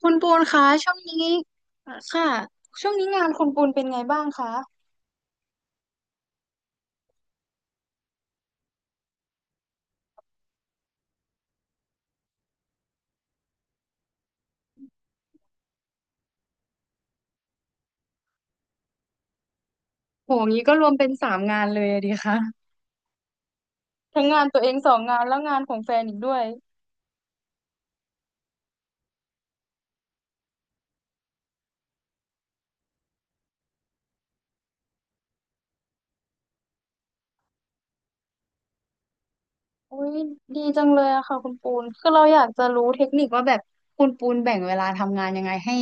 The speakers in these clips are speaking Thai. คุณปูนคะช่วงนี้อ่ะค่ะช่วงนี้งานคุณปูนเป็นไงบ้างคะโหงี้ก็รวมเป็นสามงานเลยอะดีคะทั้งงานตัวเองสองงานแล้วงานของแฟนอีกด้วย อุ้ยดีจังเลยอะค่ะคุณปูนคือเราอยากจะรู้เทคนิคว่าแบบคุณปูนแบ่งเวลาทำงานยังไงให้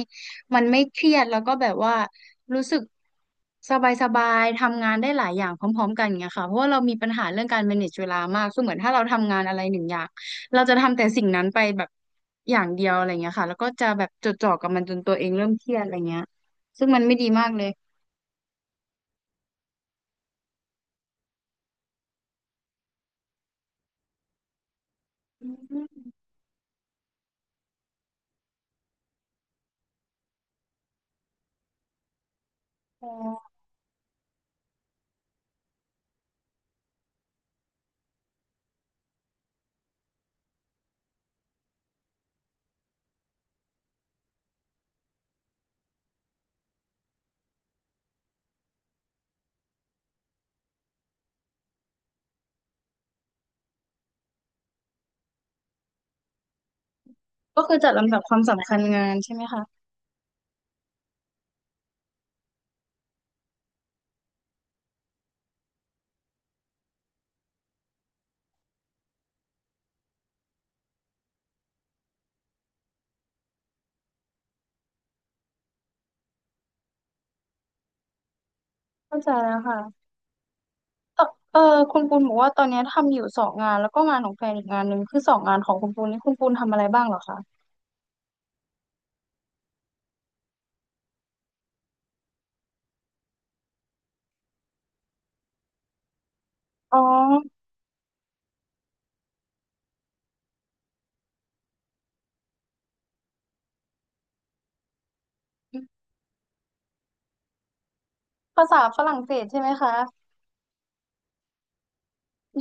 มันไม่เครียดแล้วก็แบบว่ารู้สึกสบายสบายทำงานได้หลายอย่างพร้อมๆกันอย่างเงี้ยค่ะเพราะว่าเรามีปัญหาเรื่องการ manage เวลามากคือเหมือนถ้าเราทำงานอะไรหนึ่งอย่างเราจะทำแต่สิ่งนั้นไปแบบอย่างเดียวอะไรเงี้ยค่ะแล้วก็จะแบบจดจ่อกับมันจนตัวเองเริ่มเครียดอะไรเงี้ยซึ่งมันไม่ดีมากเลยอืมอ๋อก็คือจัดลำดับความสำคัญงานใช่ไหมคะเข้าใจแล้วค่ะ เออเออคุณปูนบอกว่าตอนเนี้ยทำอยู่สองงานแล้วก็งานของแฟนอีกงานหนึ่งคือสองงานของคุณปูนนี่คุณปูนทำอะไรบ้างเหรอคะอ๋อภาษาฝรั่งเศสใช่ไหมคะ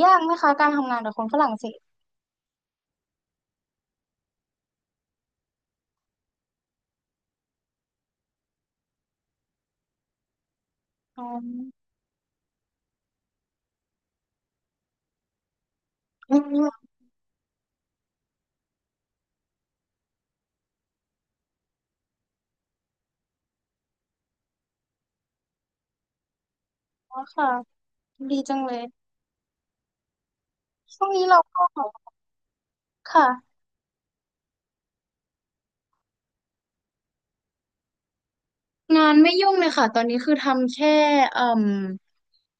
ยากไหมคะการทำงานกับคนฝรั่งเศสอ๋ออืมค่ะดีจังเลยช่วงนี้เราก็ค่ะ งานไม่ยุ่งเลยค่ะตอนนี้คือทำแค่เอ่ม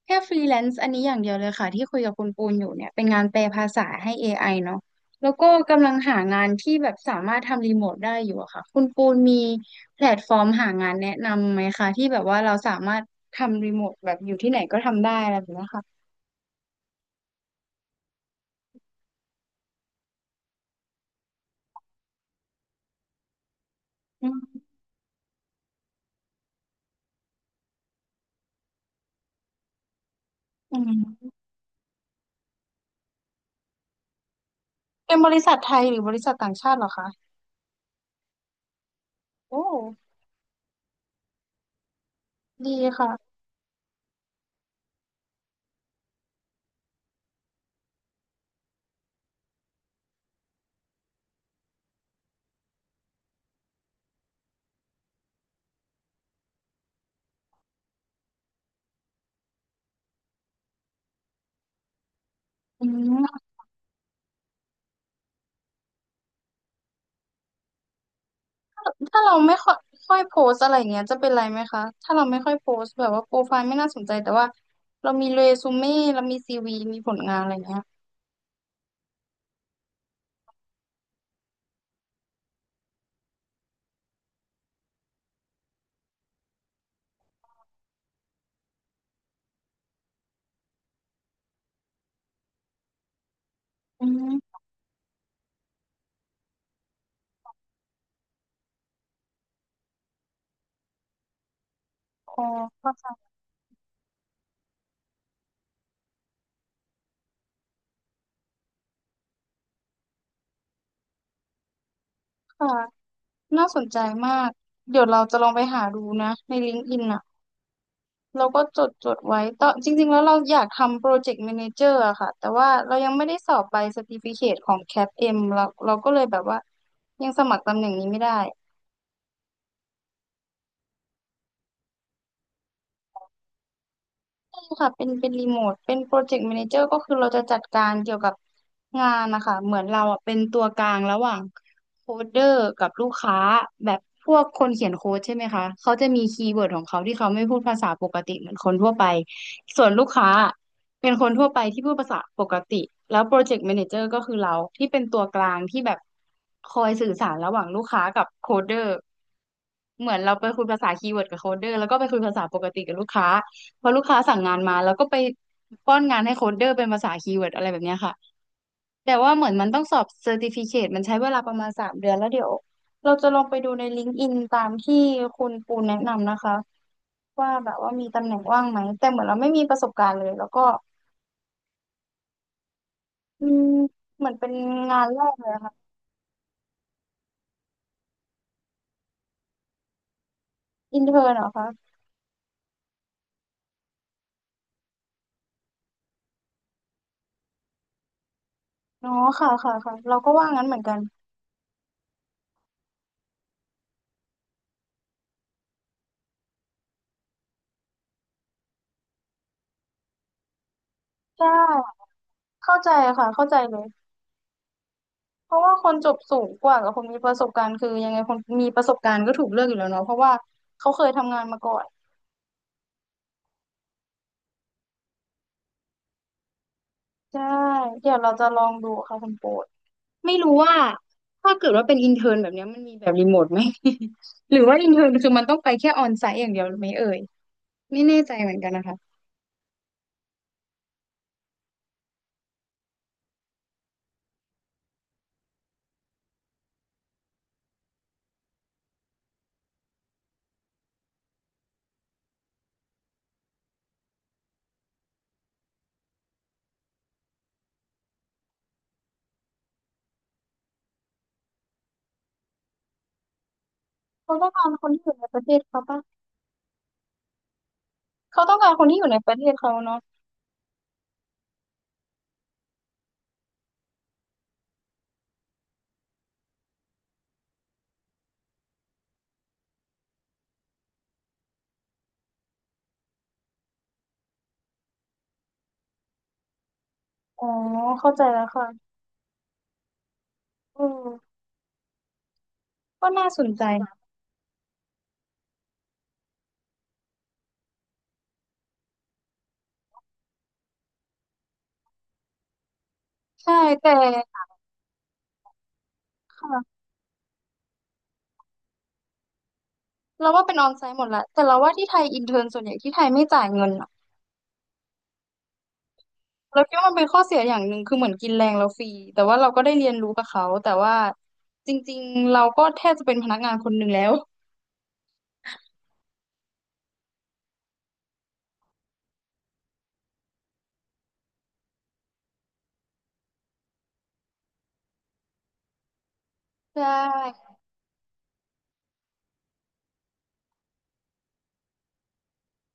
แค่ฟรีแลนซ์อันนี้อย่างเดียวเลยค่ะที่คุยกับคุณปูนอยู่เนี่ยเป็นงานแปลภาษาให้ AI เนาะแล้วก็กำลังหางานที่แบบสามารถทำรีโมทได้อยู่อะค่ะคุณปูนมีแพลตฟอร์มหางานแนะนำไหมคะที่แบบว่าเราสามารถทำรีโมทแบบอยู่ที่ไหนก็ทำได้อะไรแบบเนี้ยค่ะอืมอืมเป็นบริษัทไทยหรือบริษัทต่างชาติเหรอคะโอ้ดีค่ะอืม ถ้าเราไม่ค่อยค่อยโพสอะไรเงี้ยจะเป็นไรไหมคะถ้าเราไม่ค่อยโพสแบบว่าโปรไฟล์ไม่น่าสนใจแต่ว่าเรามีเรซูเม่เรามีซีวีมีผลงานอะไรเงี้ยอืมอ๋อเข้าใจค่ะน่าสนใจมากเดี๋ยวเราจะลองไปหาดูนะใน LinkedIn อนอ่ะเราก็จดจดไว้ตอจริงๆแล้วเราอยากทำโปรเจกต์แมเนเจอร์อะค่ะแต่ว่าเรายังไม่ได้สอบใบ certificate ของ CAPM เอ็มเราก็เลยแบบว่ายังสมัครตำแหน่งนี้ไม่ได้ ค่ะเป็นรีโมทเป็นโปรเจกต์ a ม a นเจอร์ก็คือเราจะจัดการเกี่ยวกับงานนะคะ เหมือนเราอ่ะเป็นตัวกลางระหว่างโคดเดอร์กับลูกค้าแบบพวกคนเขียนโค้ดใช่ไหมคะ เขาจะมีคีย์เวิร์ดของเขาที่เขาไม่พูดภาษาปกติเหมือนคนทั่วไป ส่วนลูกค้าเป็นคนทั่วไปที่พูดภาษาปกติ แล้วโปรเจกต์ a ม a นเจอร์ก็คือเราที่เป็นตัวกลางที่แบบคอยสื่อสารระหว่างลูกค้ากับโคดเดอร์ เหมือนเราไปคุยภาษาคีย์เวิร์ดกับโคดเดอร์แล้วก็ไปคุยภาษาปกติกับลูกค้าพอลูกค้าสั่งงานมาแล้วก็ไปป้อนงานให้โคดเดอร์เป็นภาษาคีย์เวิร์ดอะไรแบบเนี้ยค่ะแต่ว่าเหมือนมันต้องสอบเซอร์ติฟิเคตมันใช้เวลาประมาณ3 เดือนแล้วเดี๋ยวเราจะลองไปดูในลิงก์อินตามที่คุณปูนแนะนำนะคะว่าแบบว่ามีตำแหน่งว่างไหมแต่เหมือนเราไม่มีประสบการณ์เลยแล้วก็อืมเหมือนเป็นงานแรกเลยอะค่ะอินเทอร์เหรอคะอ๋อค่ะค่ะค่ะเราก็ว่างั้นเหมือนกัน ใช่เข้าใจค่ะเข้าใจเลยเพราะว่าคนจบสูงกว่ากับคนมีประสบการณ์คือยังไงคนมีประสบการณ์ก็ถูกเลือกอยู่แล้วเนาะเพราะว่าเขาเคยทำงานมาก่อนใช่เดี๋ยวเราจะลองดูค่ะคุณโปรดไม่รู้ว่าถ้าเกิดว่าเป็นอินเทอร์นแบบเนี้ยมันมีแบบรีโมทไหม หรือว่าอินเทอร์นคือมันต้องไปแค่ออนไซต์อย่างเดียวไหมเอ่ยไม่แน่ใจเหมือนกันนะคะเขาต้องการคนที่อยู่ในประเทศเขาปะเขาต้องการคนที่อยู่ในประเทศเขาเนาะอ๋อเข้าใจแล้วค่ะอือก็น่าสนใจใช่แต่ค่ะ เราว่าเป็นออนไซต์หมดแหละแต่เราว่าที่ไทยอินเทอร์นส่วนใหญ่ที่ไทยไม่จ่ายเงินอะเราคิดว่ามันเป็นข้อเสียอย่างหนึ่งคือเหมือนกินแรงเราฟรีแต่ว่าเราก็ได้เรียนรู้กับเขาแต่ว่าจริงๆเราก็แทบจะเป็นพนักงานคนหนึ่งแล้วใช่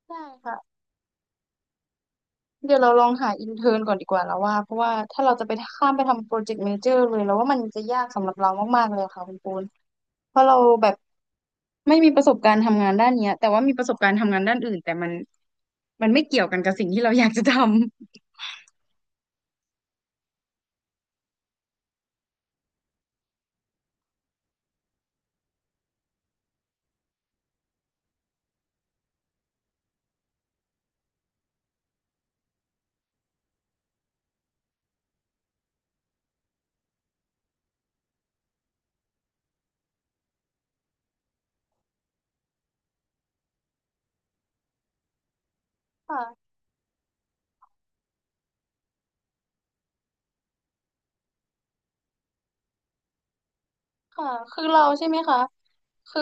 ใช่ค่ะเดี๋ยวเราลองหาอินเทอร์นก่อนดีกว่าแล้วว่าเพราะว่าถ้าเราจะไปข้ามไปทำโปรเจกต์เมเจอร์เลยเราว่ามันจะยากสำหรับเรามากๆเลยค่ะคุณปูนเพราะเราแบบไม่มีประสบการณ์ทำงานด้านเนี้ยแต่ว่ามีประสบการณ์ทำงานด้านอื่นแต่มันไม่เกี่ยวกันกับสิ่งที่เราอยากจะทำค่ะ ค่ะ คือเราใช่ไหมคะ คือ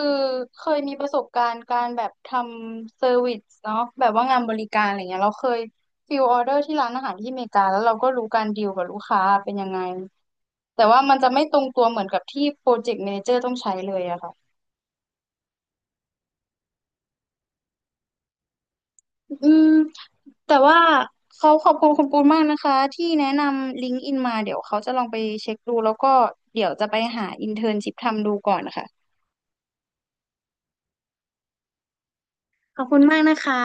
เคยมีประสบการณ์การแบบทำเซอร์วิสเนาะแบบว่างานบริการอะไรเงี้ยเราเคยฟิลออเดอร์ที่ร้านอาหารที่อเมริกาแล้วเราก็รู้การดีลกับลูกค้าเป็นยังไง แต่ว่ามันจะไม่ตรงตัวเหมือนกับที่โปรเจกต์ a ม a นเจอร์ต้องใช้เลยอะค่ะอืมแต่ว่าเขาขอบคุณคุณปูนมากนะคะที่แนะนำลิงก์อินมาเดี๋ยวเขาจะลองไปเช็คดูแล้วก็เดี๋ยวจะไปหาอินเทิร์นชิพทำดูก่อนนะคะ ขอบคุณมากนะคะ